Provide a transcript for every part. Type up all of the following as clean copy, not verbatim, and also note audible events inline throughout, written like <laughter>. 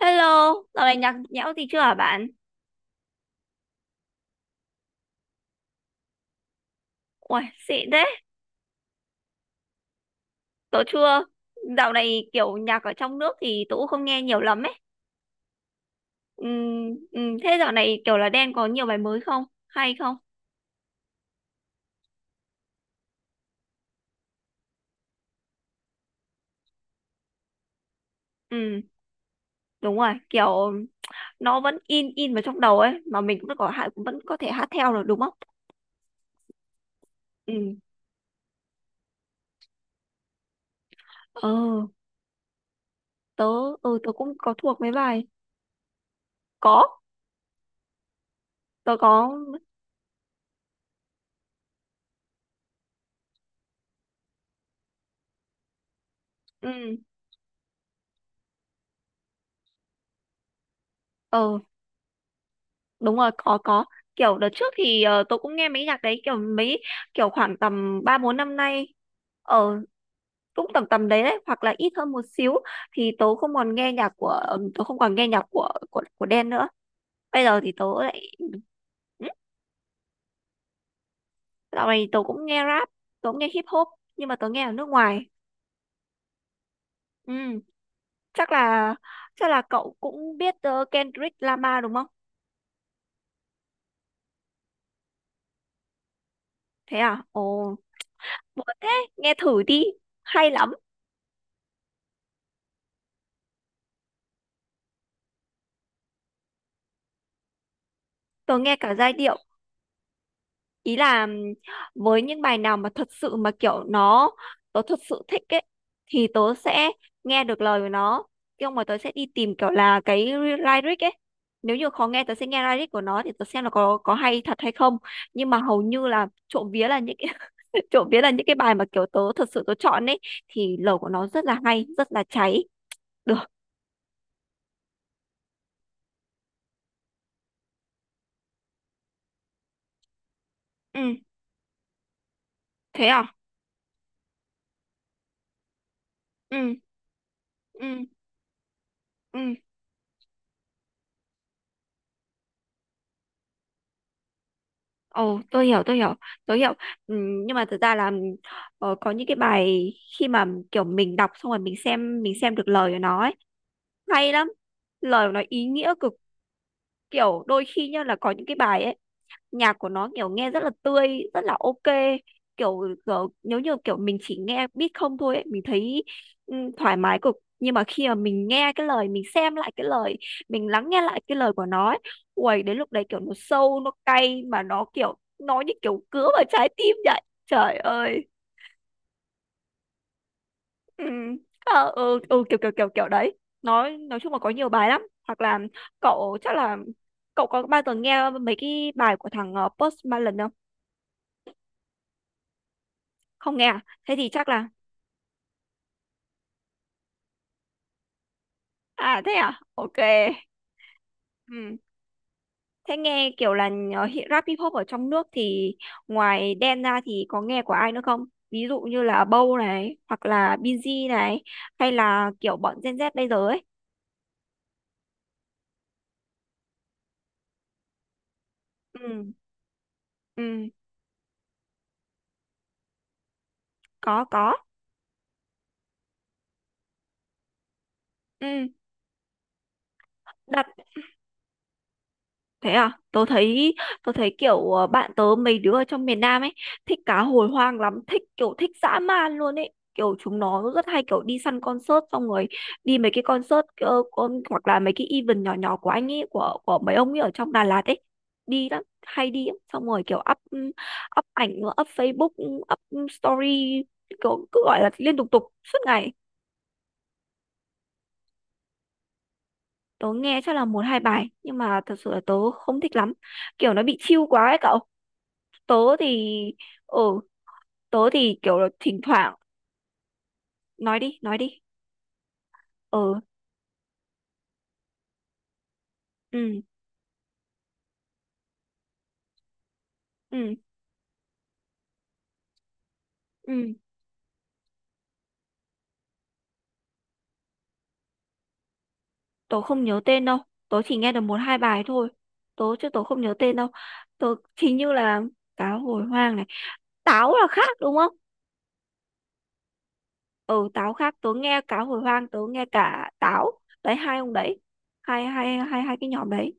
Hello, dạo này nhạc nhẽo gì chưa hả bạn? Uầy, xịn thế, tớ chưa. Dạo này kiểu nhạc ở trong nước thì tớ cũng không nghe nhiều lắm ấy. Thế dạo này kiểu là Đen có nhiều bài mới không? Hay không? Ừm, Đúng rồi, kiểu nó vẫn in vào trong đầu ấy, mà mình cũng có cũng vẫn có thể hát theo được đúng không? Ừm, ờ, tớ, tớ cũng có thuộc mấy bài. Có, tớ có. ừm, ờ. Đúng rồi, có, kiểu đợt trước thì tôi cũng nghe mấy nhạc đấy, kiểu mấy kiểu khoảng tầm ba bốn năm nay, ở cũng tầm tầm đấy đấy hoặc là ít hơn một xíu, thì tớ không còn nghe nhạc của tớ không còn nghe nhạc của Đen nữa. Bây giờ thì tớ lại ừ, dạo này tớ cũng nghe rap, tớ cũng nghe hip hop nhưng mà tớ nghe ở nước ngoài. Ừ, chắc là chắc là cậu cũng biết Kendrick Lamar đúng không? Thế à? Ồ, buồn thế, nghe thử đi, hay lắm. Tớ nghe cả giai điệu, ý là với những bài nào mà thật sự mà kiểu nó, tớ thật sự thích ấy, thì tớ sẽ nghe được lời của nó. Nhưng mà tớ sẽ đi tìm kiểu là cái lyric ấy, nếu như khó nghe tớ sẽ nghe lyric của nó thì tớ xem là có hay thật hay không. Nhưng mà hầu như là trộm vía là những cái <laughs> trộm vía là những cái bài mà kiểu tớ thật sự tớ chọn ấy, thì lời của nó rất là hay, rất là cháy. Được. Ừ, thế à. Ừ, ừ, ừ. Ồ, tôi hiểu, tôi hiểu, tôi hiểu. Ừ, nhưng mà thực ra là có những cái bài, khi mà kiểu mình đọc xong rồi mình xem, mình xem được lời của nó ấy, hay lắm. Lời của nó ý nghĩa cực, kiểu đôi khi nhá là có những cái bài ấy, nhạc của nó kiểu nghe rất là tươi, rất là ok, kiểu, kiểu nếu như kiểu mình chỉ nghe beat không thôi ấy, mình thấy ừ, thoải mái cực, nhưng mà khi mà mình nghe cái lời, mình xem lại cái lời, mình lắng nghe lại cái lời của nó ấy, uầy đến lúc đấy kiểu nó sâu, nó cay mà nó kiểu nó như kiểu cứa vào trái tim vậy. Trời ơi. Ừ, à, ừ, ừ, kiểu kiểu kiểu kiểu đấy. Nói chung là có nhiều bài lắm, hoặc là cậu chắc là cậu có bao giờ nghe mấy cái bài của thằng Post Malone không? Không nghe à? Thế thì chắc là. À thế à, ok. Ừ. Thế nghe kiểu là rap hip hop ở trong nước thì ngoài Đen ra thì có nghe của ai nữa không? Ví dụ như là Bow này, hoặc là Binz này, hay là kiểu bọn Gen Z bây giờ ấy. Ừ, ừ, có, ừ, đợt thế à, tớ thấy kiểu bạn tớ mấy đứa ở trong miền Nam ấy thích cá hồi hoang lắm, thích kiểu thích dã man luôn ấy. Kiểu chúng nó rất hay kiểu đi săn concert, xong rồi đi mấy cái concert ờ, con hoặc là mấy cái event nhỏ nhỏ của anh ấy, của mấy ông ấy ở trong Đà Lạt ấy. Đi lắm, hay đi lắm. Xong rồi kiểu up up ảnh, up Facebook, up story, kiểu cứ gọi là liên tục tục suốt ngày. Tớ nghe chắc là một hai bài nhưng mà thật sự là tớ không thích lắm. Kiểu nó bị chill quá ấy cậu. tớ thì ừ Tớ thì kiểu là thỉnh thoảng. Nói đi, nói đi. Ừ, ừ, ừ, ừ, tớ không nhớ tên đâu, tớ chỉ nghe được một hai bài thôi, tớ không nhớ tên đâu. Tớ hình như là cá hồi hoang này, táo là khác đúng không? Ừ, táo khác, tớ nghe cá hồi hoang, tớ nghe cả táo. Đấy hai ông đấy, hai hai hai hai cái nhóm đấy.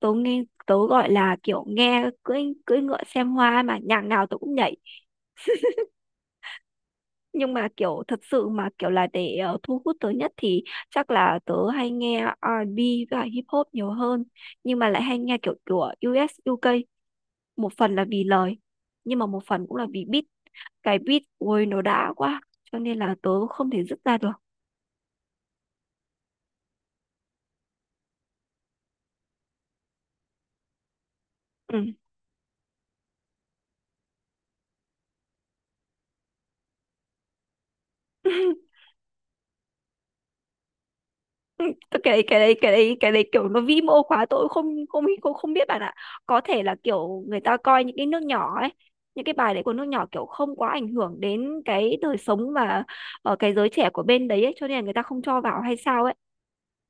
Tớ nghe, tớ gọi là kiểu nghe cưỡi cưỡi ngựa xem hoa mà nhạc nào tớ cũng nhảy. Nhưng mà kiểu thật sự mà kiểu là để thu hút tớ nhất thì chắc là tớ hay nghe R&B và hip hop nhiều hơn, nhưng mà lại hay nghe kiểu của US UK, một phần là vì lời, nhưng mà một phần cũng là vì beat. Cái beat ôi nó đã quá cho nên là tớ không thể dứt ra được. Ừ. <laughs> Ừ, tôi cái đấy kiểu nó vi mô quá, tôi cũng không không không không biết bạn ạ. Có thể là kiểu người ta coi những cái nước nhỏ ấy, những cái bài đấy của nước nhỏ kiểu không quá ảnh hưởng đến cái đời sống và ở cái giới trẻ của bên đấy ấy, cho nên là người ta không cho vào hay sao ấy.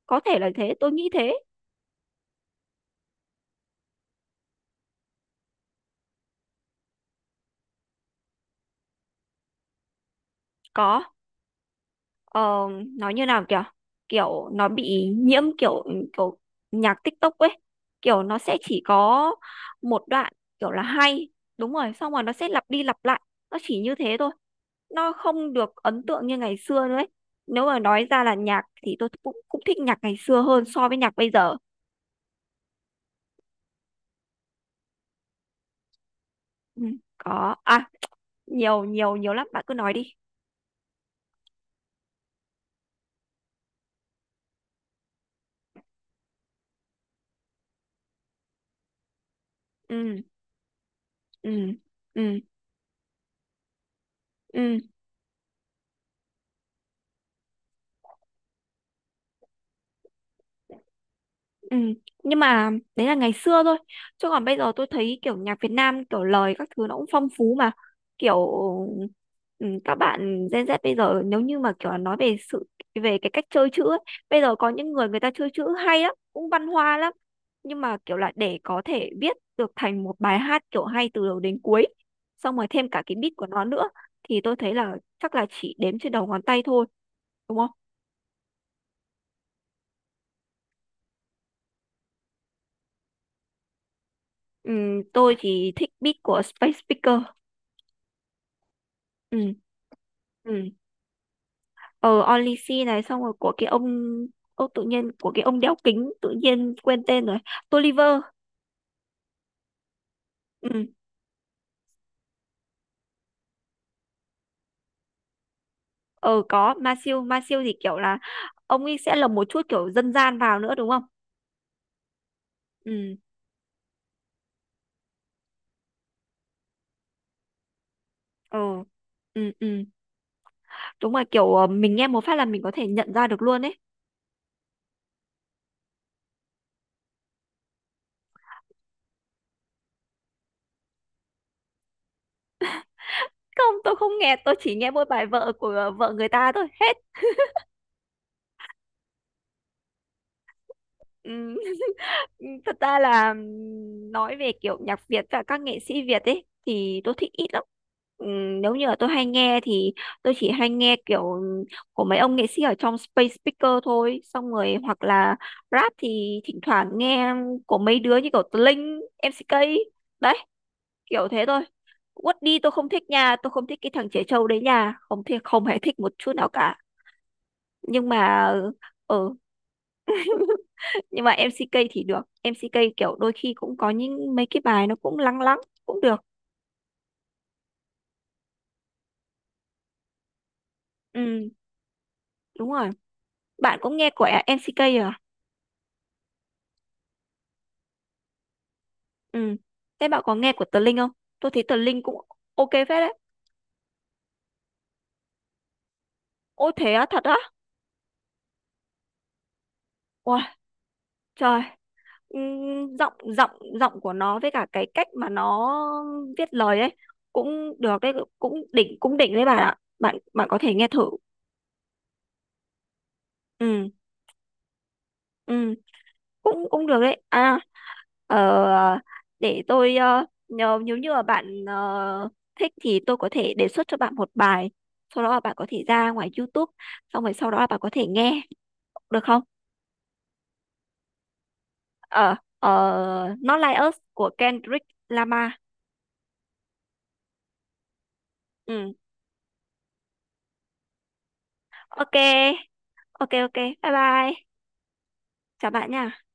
Có thể là thế, tôi nghĩ thế. Có, ờ, nói như nào, kiểu kiểu nó bị nhiễm kiểu kiểu nhạc TikTok ấy, kiểu nó sẽ chỉ có một đoạn, kiểu là hay, đúng rồi xong rồi nó sẽ lặp đi lặp lại, nó chỉ như thế thôi, nó không được ấn tượng như ngày xưa nữa ấy. Nếu mà nói ra là nhạc thì tôi cũng cũng thích nhạc ngày xưa hơn so với nhạc bây giờ. Ừ, có à? Nhiều nhiều nhiều lắm, bạn cứ nói đi. Ừ, ừ, ừ, ừ. Ừ. Nhưng mà đấy là ngày xưa thôi, chứ còn bây giờ tôi thấy kiểu nhạc Việt Nam kiểu lời các thứ nó cũng phong phú mà. Kiểu ừ, các bạn Gen Z bây giờ nếu như mà kiểu là nói về sự, về cái cách chơi chữ ấy, bây giờ có những người, người ta chơi chữ hay lắm, cũng văn hoa lắm, nhưng mà kiểu là để có thể viết được thành một bài hát kiểu hay từ đầu đến cuối, xong rồi thêm cả cái beat của nó nữa, thì tôi thấy là chắc là chỉ đếm trên đầu ngón tay thôi đúng không? Ừ, tôi chỉ thích beat của Space Speaker. Ừ. Ừ. ờ Only C này, xong rồi của cái ông, tự nhiên của cái ông đeo kính tự nhiên quên tên rồi. Tolliver. Ừ. ờ có, Ma Siêu, Ma Siêu thì kiểu là ông ấy sẽ lồng một chút kiểu dân gian vào nữa đúng không? Ừ. Ờ. Ừ, ừ, đúng rồi, kiểu mình nghe một phát là mình có thể nhận ra được luôn ấy. Không, tôi không nghe, tôi chỉ nghe mỗi bài vợ của vợ người ta thôi hết. Ừ. Ừ, thật ra là nói về kiểu nhạc Việt và các nghệ sĩ Việt ấy thì tôi thích ít lắm. Nếu như là tôi hay nghe thì tôi chỉ hay nghe kiểu của mấy ông nghệ sĩ ở trong Space Speaker thôi. Xong rồi hoặc là rap thì thỉnh thoảng nghe của mấy đứa như kiểu Tờ Linh, MCK. Đấy, kiểu thế thôi. Quất đi, tôi không thích nha, tôi không thích cái thằng Trẻ Trâu đấy nha. Không thì không hề thích một chút nào cả. Nhưng mà ừ, <laughs> nhưng mà MCK thì được, MCK kiểu đôi khi cũng có những mấy cái bài nó cũng lắng lắng, cũng được. Ừ, đúng rồi, bạn cũng nghe của MCK à? Ừ, thế bạn có nghe của Tờ Linh không? Tôi thấy Tờ Linh cũng ok phết đấy. Ôi thế á, thật á? Ôi trời. Ừm, giọng giọng giọng của nó với cả cái cách mà nó viết lời ấy cũng được đấy, cũng đỉnh, cũng đỉnh đấy bạn ạ, bạn bạn có thể nghe thử. Ừ, ừ, cũng cũng được đấy à. ờ, để tôi nhờ, nếu như mà bạn thích thì tôi có thể đề xuất cho bạn một bài, sau đó là bạn có thể ra ngoài YouTube, xong rồi sau đó là bạn có thể nghe được không? Ờ, Not Like Us của Kendrick Lamar. Ừ, ok, ok, ok, bye bye, chào bạn nha.